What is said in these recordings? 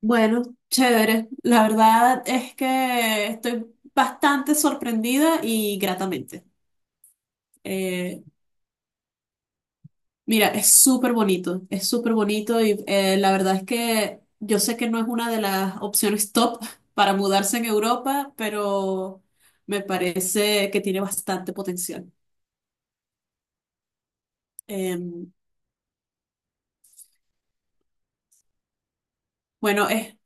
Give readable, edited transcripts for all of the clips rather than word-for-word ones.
Bueno, chévere. La verdad es que estoy bastante sorprendida y gratamente. Eh, Mira, es súper bonito y la verdad es que yo sé que no es una de las opciones top para mudarse en Europa, pero me parece que tiene bastante potencial. Eh, bueno, es-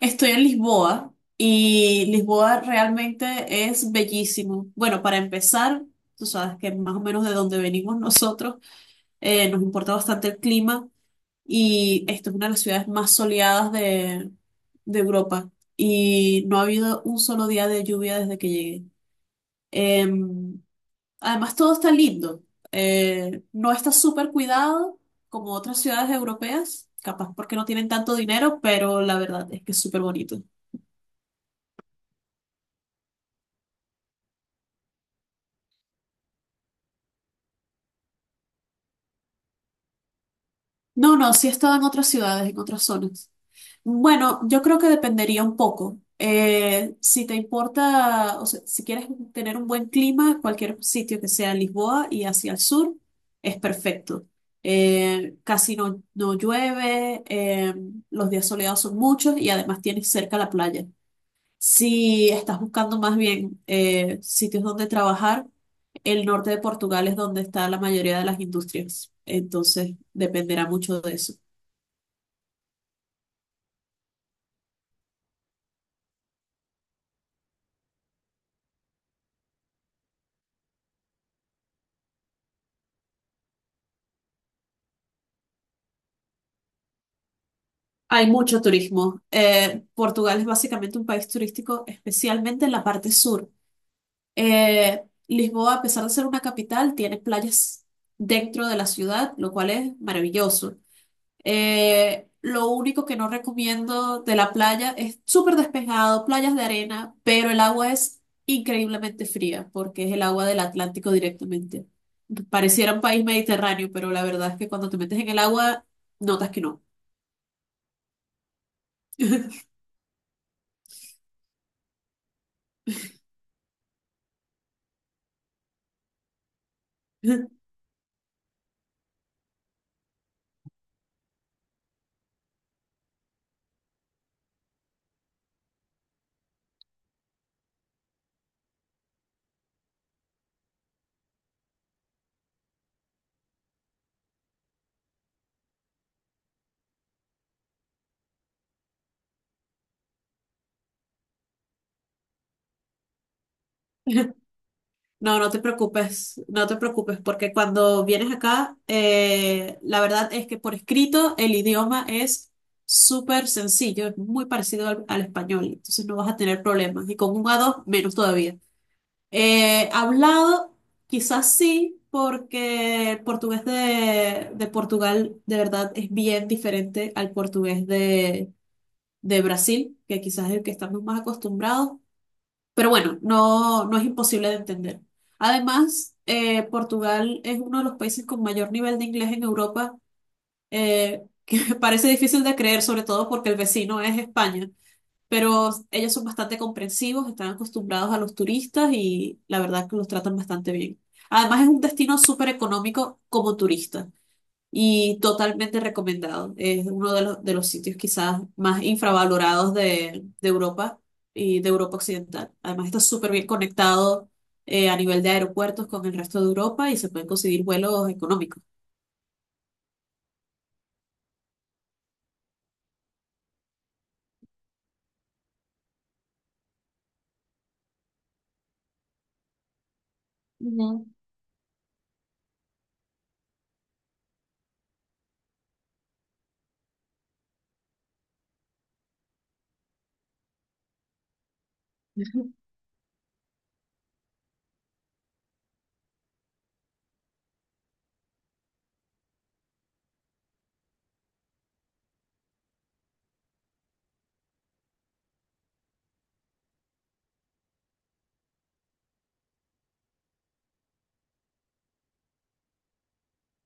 Estoy en Lisboa y Lisboa realmente es bellísimo. Bueno, para empezar. Tú sabes que más o menos de donde venimos nosotros, nos importa bastante el clima y esta es una de las ciudades más soleadas de Europa y no ha habido un solo día de lluvia desde que llegué. Eh, Además, todo está lindo. No está súper cuidado como otras ciudades europeas, capaz porque no tienen tanto dinero, pero la verdad es que es súper bonito. No, no, sí he estado en otras ciudades, en otras zonas. Bueno, yo creo que dependería un poco. Si te importa, o sea, si quieres tener un buen clima, cualquier sitio que sea Lisboa y hacia el sur es perfecto. Casi no llueve, los días soleados son muchos y además tienes cerca la playa. Si estás buscando más bien sitios donde trabajar, el norte de Portugal es donde está la mayoría de las industrias. Entonces, dependerá mucho de eso. Hay mucho turismo. Portugal es básicamente un país turístico, especialmente en la parte sur. Lisboa, a pesar de ser una capital, tiene playas dentro de la ciudad, lo cual es maravilloso. Lo único que no recomiendo de la playa es súper despejado, playas de arena, pero el agua es increíblemente fría porque es el agua del Atlántico directamente. Pareciera un país mediterráneo, pero la verdad es que cuando te metes en el agua, notas que no. No, no te preocupes, no te preocupes, porque cuando vienes acá, la verdad es que por escrito el idioma es súper sencillo, es muy parecido al español, entonces no vas a tener problemas, y con un A2 menos todavía. Hablado, quizás sí, porque el portugués de Portugal de verdad es bien diferente al portugués de Brasil, que quizás es el que estamos más acostumbrados, pero bueno, no, no es imposible de entender. Además, Portugal es uno de los países con mayor nivel de inglés en Europa, que parece difícil de creer, sobre todo porque el vecino es España. Pero ellos son bastante comprensivos, están acostumbrados a los turistas y la verdad que los tratan bastante bien. Además, es un destino súper económico como turista y totalmente recomendado. Es uno de los sitios quizás más infravalorados de Europa y de Europa Occidental. Además está súper bien conectado a nivel de aeropuertos con el resto de Europa y se pueden conseguir vuelos económicos. Ujú.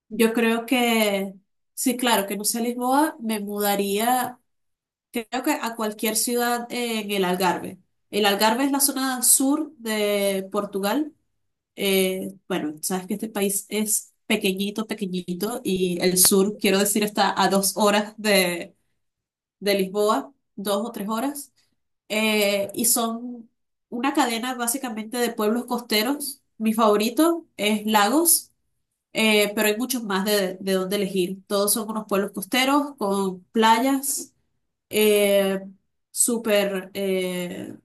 Yo creo que, sí, claro, que no sea Lisboa, me mudaría, creo que a cualquier ciudad en el Algarve. El Algarve es la zona sur de Portugal. Bueno, sabes que este país es pequeñito, pequeñito y el sur, quiero decir, está a 2 horas de Lisboa, 2 o 3 horas, y son una cadena básicamente de pueblos costeros. Mi favorito es Lagos, pero hay muchos más de dónde elegir. Todos son unos pueblos costeros con playas, eh, súper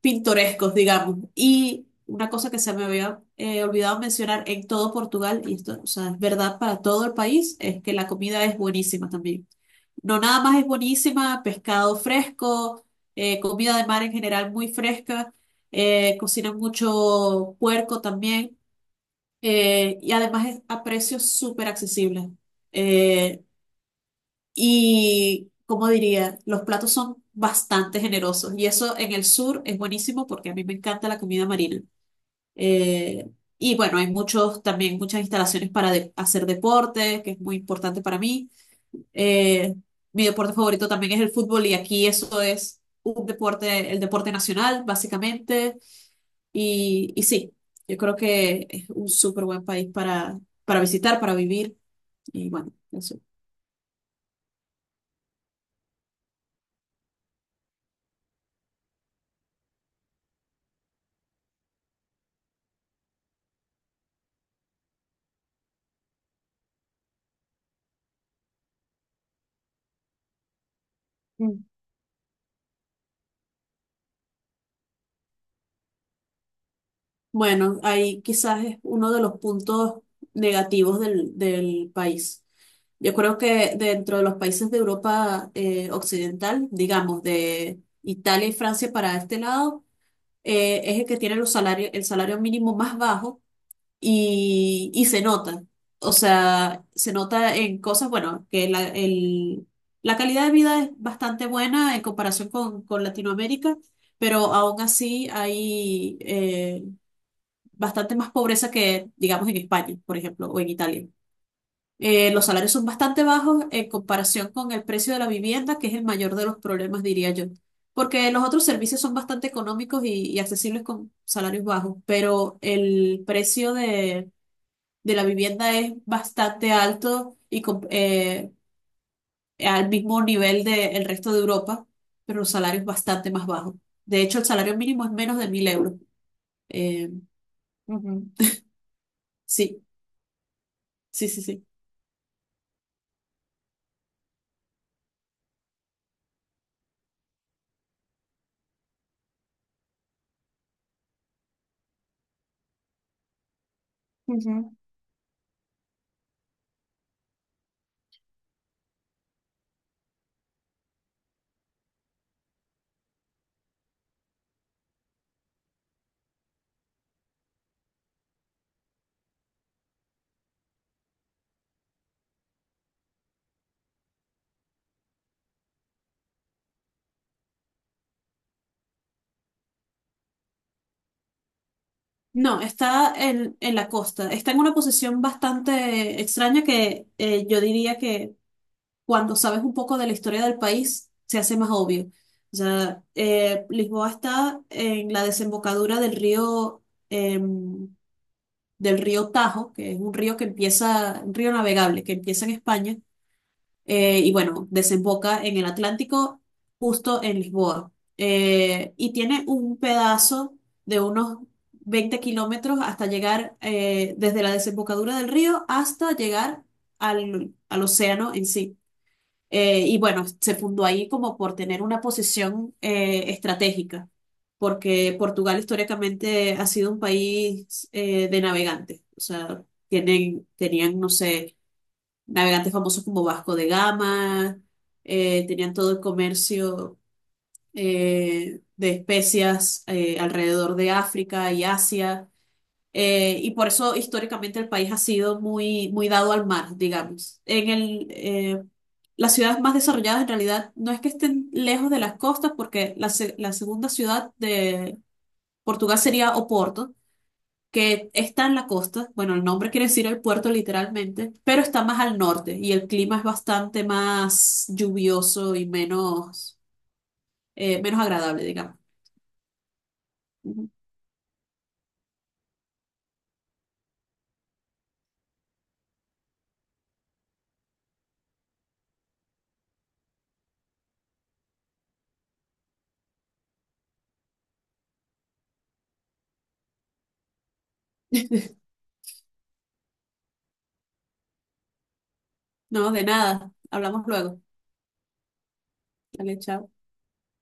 pintorescos, digamos. Y una cosa que se me había olvidado mencionar en todo Portugal, y esto, o sea, es verdad para todo el país, es que la comida es buenísima también. No nada más es buenísima, pescado fresco, comida de mar en general muy fresca, cocinan mucho puerco también, y además es a precios súper accesibles. Eh, y, como diría, los platos son bastante generosos. Y eso en el sur es buenísimo porque a mí me encanta la comida marina. Eh, y bueno, hay muchos, también muchas instalaciones para hacer deporte, que es muy importante para mí. Eh, Mi deporte favorito también es el fútbol y aquí eso es un deporte, el deporte nacional, básicamente. Y sí, yo creo que es un súper buen país para visitar, para vivir. Y bueno, eso. Bueno, ahí quizás es uno de los puntos negativos del país. Yo creo que dentro de los países de Europa Occidental, digamos, de Italia y Francia para este lado, es el que tiene los salarios, el salario mínimo más bajo y se nota. O sea, se nota en cosas, bueno, que la calidad de vida es bastante buena en comparación con Latinoamérica, pero aún así hay bastante más pobreza que, digamos, en España, por ejemplo, o en Italia. Los salarios son bastante bajos en comparación con el precio de la vivienda, que es el mayor de los problemas, diría yo. Porque los otros servicios son bastante económicos y accesibles con salarios bajos, pero el precio de la vivienda es bastante alto y al mismo nivel del resto de Europa, pero los salarios bastante más bajos. De hecho, el salario mínimo es menos de 1000 euros. Eh, Ujú, sí, sí, sí, sí. Ujú. No, está en la costa. Está en una posición bastante extraña que yo diría que cuando sabes un poco de la historia del país se hace más obvio. O sea, Lisboa está en la desembocadura em, del río Tajo, que es un río navegable que empieza en España y bueno, desemboca en el Atlántico, justo en Lisboa. Y tiene un pedazo de unos 20 kilómetros hasta llegar desde la desembocadura del río hasta llegar al océano en sí. Y bueno, se fundó ahí como por tener una posición estratégica, porque Portugal históricamente ha sido un país de navegantes. O sea, tienen, tenían, no sé navegantes famosos como Vasco de Gama, tenían todo el comercio de especias alrededor de África y Asia, y por eso históricamente el país ha sido muy, muy dado al mar, digamos. Las ciudades más desarrolladas en realidad no es que estén lejos de las costas, porque la segunda ciudad de Portugal sería Oporto que está en la costa, bueno, el nombre quiere decir el puerto literalmente, pero está más al norte y el clima es bastante más lluvioso y menos agradable, digamos. Ujú. No, de nada, hablamos luego. Dale, chao.